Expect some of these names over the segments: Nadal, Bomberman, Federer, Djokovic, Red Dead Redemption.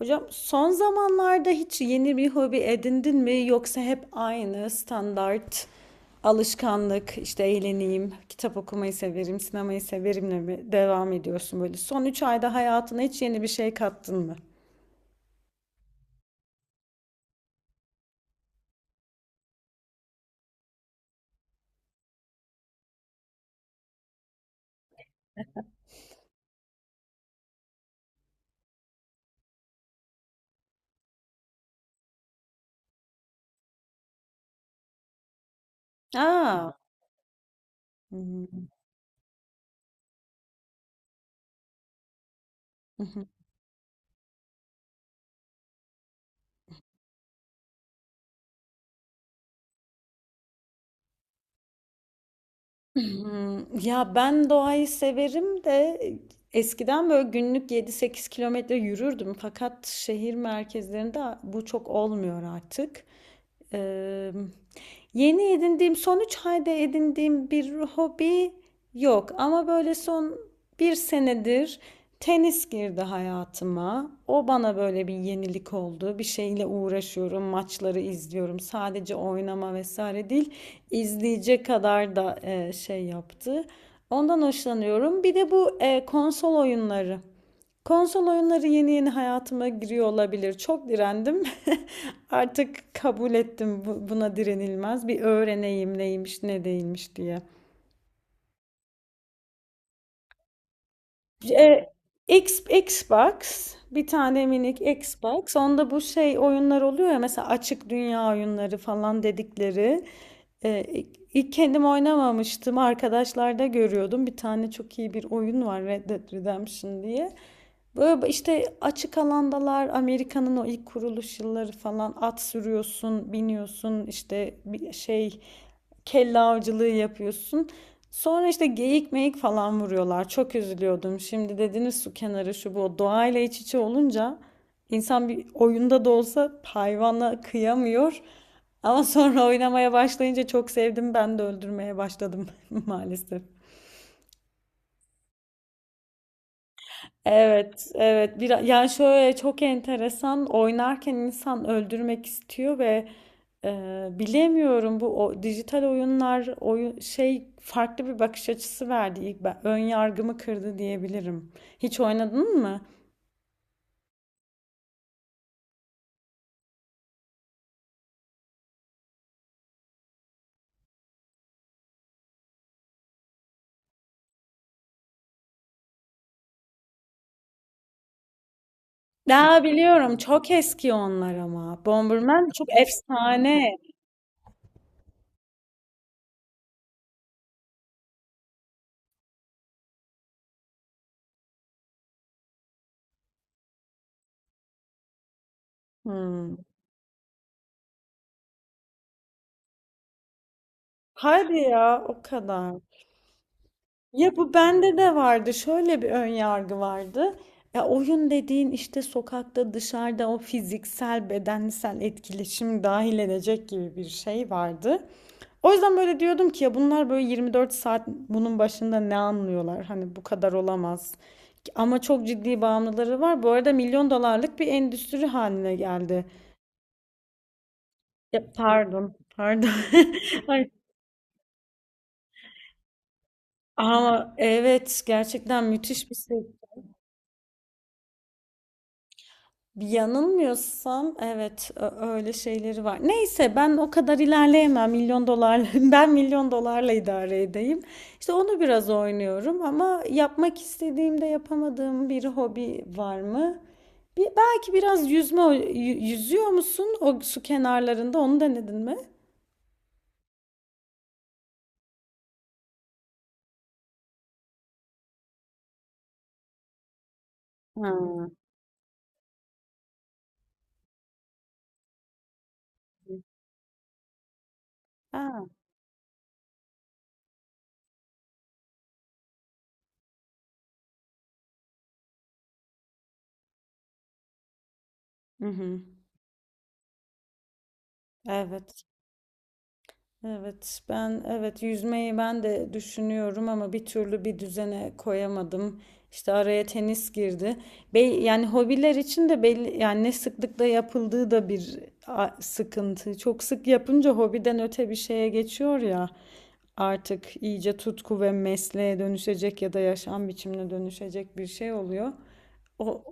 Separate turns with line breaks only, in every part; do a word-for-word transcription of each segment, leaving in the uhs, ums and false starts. Hocam son zamanlarda hiç yeni bir hobi edindin mi yoksa hep aynı standart alışkanlık işte eğleneyim, kitap okumayı severim, sinemayı severimle mi devam ediyorsun böyle? Son üç ayda hayatına hiç yeni bir şey kattın mı? Aa. Hı hı. Hmm, Ya ben doğayı severim de eskiden böyle günlük yedi sekiz kilometre yürürdüm. Fakat şehir merkezlerinde bu çok olmuyor artık. Eee, Yeni edindiğim, son üç ayda edindiğim bir hobi yok. Ama böyle son bir senedir tenis girdi hayatıma. O bana böyle bir yenilik oldu. Bir şeyle uğraşıyorum, maçları izliyorum. Sadece oynama vesaire değil, izleyecek kadar da e, şey yaptı. Ondan hoşlanıyorum. Bir de bu e, konsol oyunları. Konsol oyunları yeni yeni hayatıma giriyor olabilir. Çok direndim. Artık kabul ettim, buna direnilmez. Bir öğreneyim neymiş ne değilmiş diye. E, X, Xbox, bir tane minik Xbox. Onda bu şey oyunlar oluyor ya, mesela açık dünya oyunları falan dedikleri. E, ilk kendim oynamamıştım. Arkadaşlarda görüyordum. Bir tane çok iyi bir oyun var, Red Dead Redemption diye. Böyle işte açık alandalar, Amerika'nın o ilk kuruluş yılları falan, at sürüyorsun, biniyorsun, işte bir şey kelle avcılığı yapıyorsun. Sonra işte geyik meyik falan vuruyorlar. Çok üzülüyordum. Şimdi dediniz su kenarı şu bu, doğayla iç içe olunca insan bir oyunda da olsa hayvanla kıyamıyor. Ama sonra oynamaya başlayınca çok sevdim. Ben de öldürmeye başladım maalesef. Evet, evet. Bir, yani şöyle çok enteresan, oynarken insan öldürmek istiyor ve e, bilemiyorum, bu o, dijital oyunlar oyun şey farklı bir bakış açısı verdi. İlk ben, ön yargımı kırdı diyebilirim. Hiç oynadın mı? Daha biliyorum, çok eski onlar ama. Bomberman çok efsane. Hmm. Hadi ya, o kadar. Ya bu bende de vardı. Şöyle bir ön yargı vardı. Ya oyun dediğin işte sokakta, dışarıda, o fiziksel, bedensel etkileşim dahil edecek gibi bir şey vardı. O yüzden böyle diyordum ki ya bunlar böyle yirmi dört saat bunun başında ne anlıyorlar? Hani bu kadar olamaz. Ama çok ciddi bağımlıları var. Bu arada milyon dolarlık bir endüstri haline geldi. Ya pardon, pardon. Ay, ama evet, gerçekten müthiş bir şey. Yanılmıyorsam evet, ö- öyle şeyleri var. Neyse, ben o kadar ilerleyemem milyon dolar, ben milyon dolarla idare edeyim. İşte onu biraz oynuyorum. Ama yapmak istediğimde yapamadığım bir hobi var mı? Bir, belki biraz yüzme, o- yü- yüzüyor musun o su kenarlarında, onu denedin mi? Ha. Ha. Hı hı. Evet. Evet, ben evet yüzmeyi ben de düşünüyorum ama bir türlü bir düzene koyamadım. İşte araya tenis girdi. Be yani hobiler için de belli, yani ne sıklıkla yapıldığı da bir a- sıkıntı. Çok sık yapınca hobiden öte bir şeye geçiyor ya. Artık iyice tutku ve mesleğe dönüşecek ya da yaşam biçimine dönüşecek bir şey oluyor. O,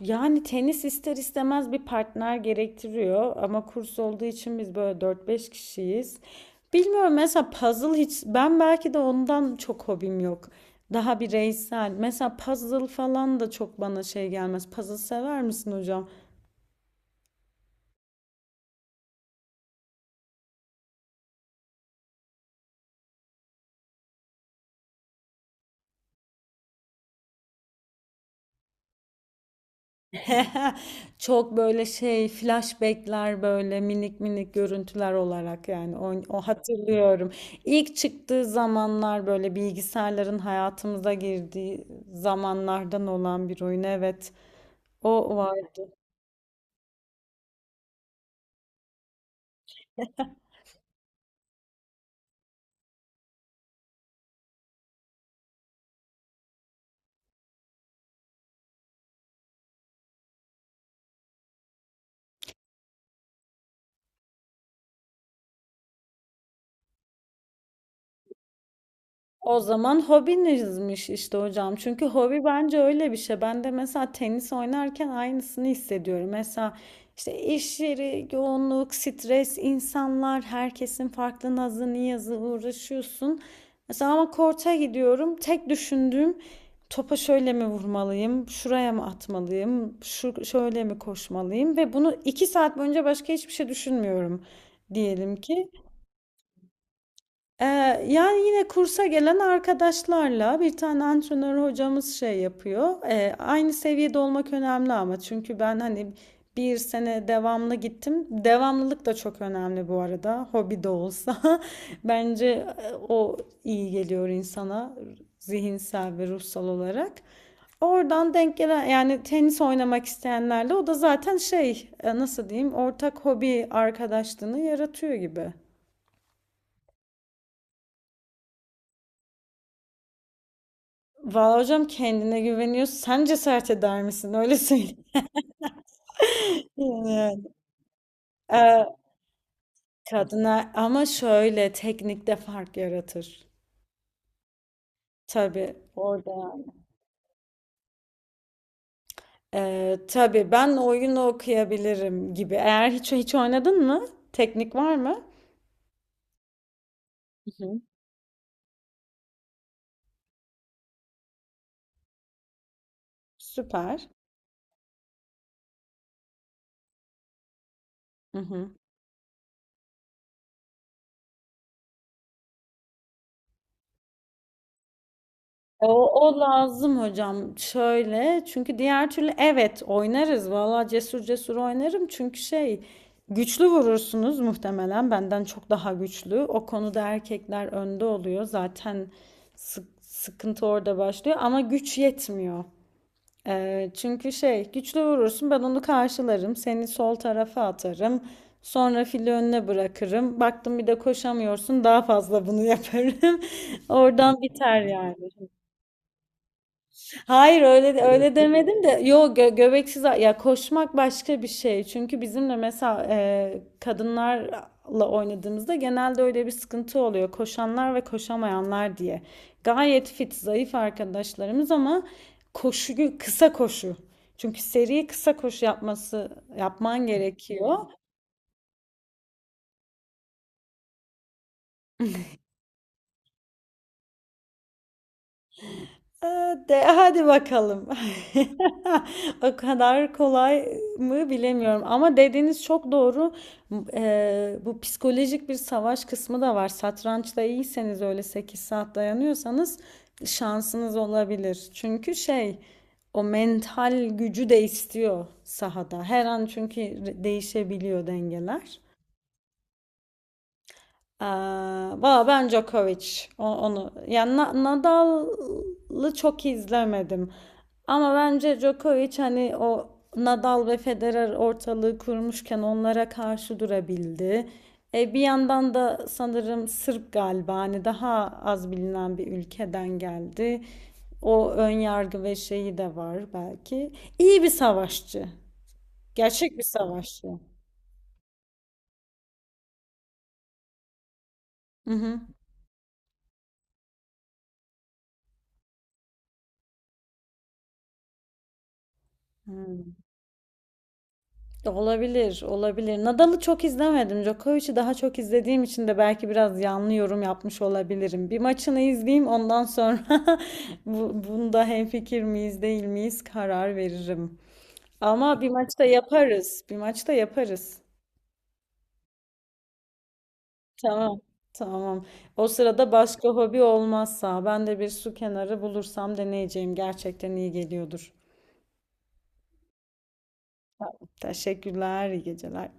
Yani tenis ister istemez bir partner gerektiriyor ama kurs olduğu için biz böyle dört beş kişiyiz. Bilmiyorum, mesela puzzle hiç ben, belki de ondan çok hobim yok. Daha bireysel. Mesela puzzle falan da çok bana şey gelmez. Puzzle sever misin hocam? Çok böyle şey, flashbackler, böyle minik minik görüntüler olarak, yani o, o hatırlıyorum. İlk çıktığı zamanlar, böyle bilgisayarların hayatımıza girdiği zamanlardan olan bir oyun, evet. O vardı. O zaman hobinizmiş işte hocam. Çünkü hobi bence öyle bir şey. Ben de mesela tenis oynarken aynısını hissediyorum. Mesela işte iş yeri, yoğunluk, stres, insanlar, herkesin farklı nazı, niyazı, uğraşıyorsun. Mesela ama korta gidiyorum. Tek düşündüğüm topa şöyle mi vurmalıyım, şuraya mı atmalıyım, şu şöyle mi koşmalıyım ve bunu iki saat boyunca başka hiçbir şey düşünmüyorum, diyelim ki. Ee, Yani yine kursa gelen arkadaşlarla, bir tane antrenör hocamız şey yapıyor. Ee, aynı seviyede olmak önemli ama, çünkü ben hani bir sene devamlı gittim. Devamlılık da çok önemli bu arada. Hobi de olsa. Bence e, o iyi geliyor insana, zihinsel ve ruhsal olarak. Oradan denk gelen, yani tenis oynamak isteyenlerle, o da zaten şey, e, nasıl diyeyim, ortak hobi arkadaşlığını yaratıyor gibi. Valla hocam kendine güveniyor. Sen cesaret eder misin? Öyle söyleyeyim. Yani. Ee, Kadına ama şöyle teknikte fark yaratır. Tabii orada yani. Ee, tabii ben oyun okuyabilirim gibi. Eğer hiç hiç oynadın mı? Teknik var mı? Hı. Süper. Hı hı. E, O, o lazım hocam. Şöyle çünkü, diğer türlü evet oynarız. Valla cesur cesur oynarım. Çünkü şey, güçlü vurursunuz muhtemelen, benden çok daha güçlü. O konuda erkekler önde oluyor. Zaten sık- sıkıntı orada başlıyor ama güç yetmiyor. Ee, çünkü şey, güçlü vurursun, ben onu karşılarım. Seni sol tarafa atarım. Sonra fili önüne bırakırım. Baktım bir de koşamıyorsun, daha fazla bunu yaparım. Oradan biter yani. Hayır, öyle öyle demedim de, yok gö göbeksiz, ya koşmak başka bir şey. Çünkü bizimle mesela, e, kadınlarla oynadığımızda genelde öyle bir sıkıntı oluyor. Koşanlar ve koşamayanlar diye. Gayet fit, zayıf arkadaşlarımız ama koşuyu kısa koşu. Çünkü seri kısa koşu yapması yapman gerekiyor. Eee, De, hadi bakalım. O kadar kolay mı, bilemiyorum. Ama dediğiniz çok doğru. M- e, Bu psikolojik bir savaş kısmı da var. Satrançta iyiyseniz, öyle sekiz saat dayanıyorsanız şansınız olabilir. Çünkü şey, o mental gücü de istiyor sahada. Her an çünkü değişebiliyor dengeler. Valla ben Djokovic, o- onu yani, Na- Nadal'ı çok izlemedim ama bence Djokovic hani o Nadal ve Federer ortalığı kurmuşken onlara karşı durabildi. E, bir yandan da sanırım Sırp galiba, hani daha az bilinen bir ülkeden geldi. O ön yargı ve şeyi de var belki. İyi bir savaşçı. Gerçek bir savaşçı. Hı hı. Hı. Olabilir, olabilir. Nadal'ı çok izlemedim. Djokovic'i daha çok izlediğim için de belki biraz yanlış yorum yapmış olabilirim. Bir maçını izleyeyim, ondan sonra bu, bunda hemfikir miyiz, değil miyiz karar veririm. Ama bir maçta yaparız. Bir maçta yaparız. Tamam, tamam. O sırada başka hobi olmazsa ben de bir su kenarı bulursam deneyeceğim. Gerçekten iyi geliyordur. Tamam, teşekkürler, iyi geceler.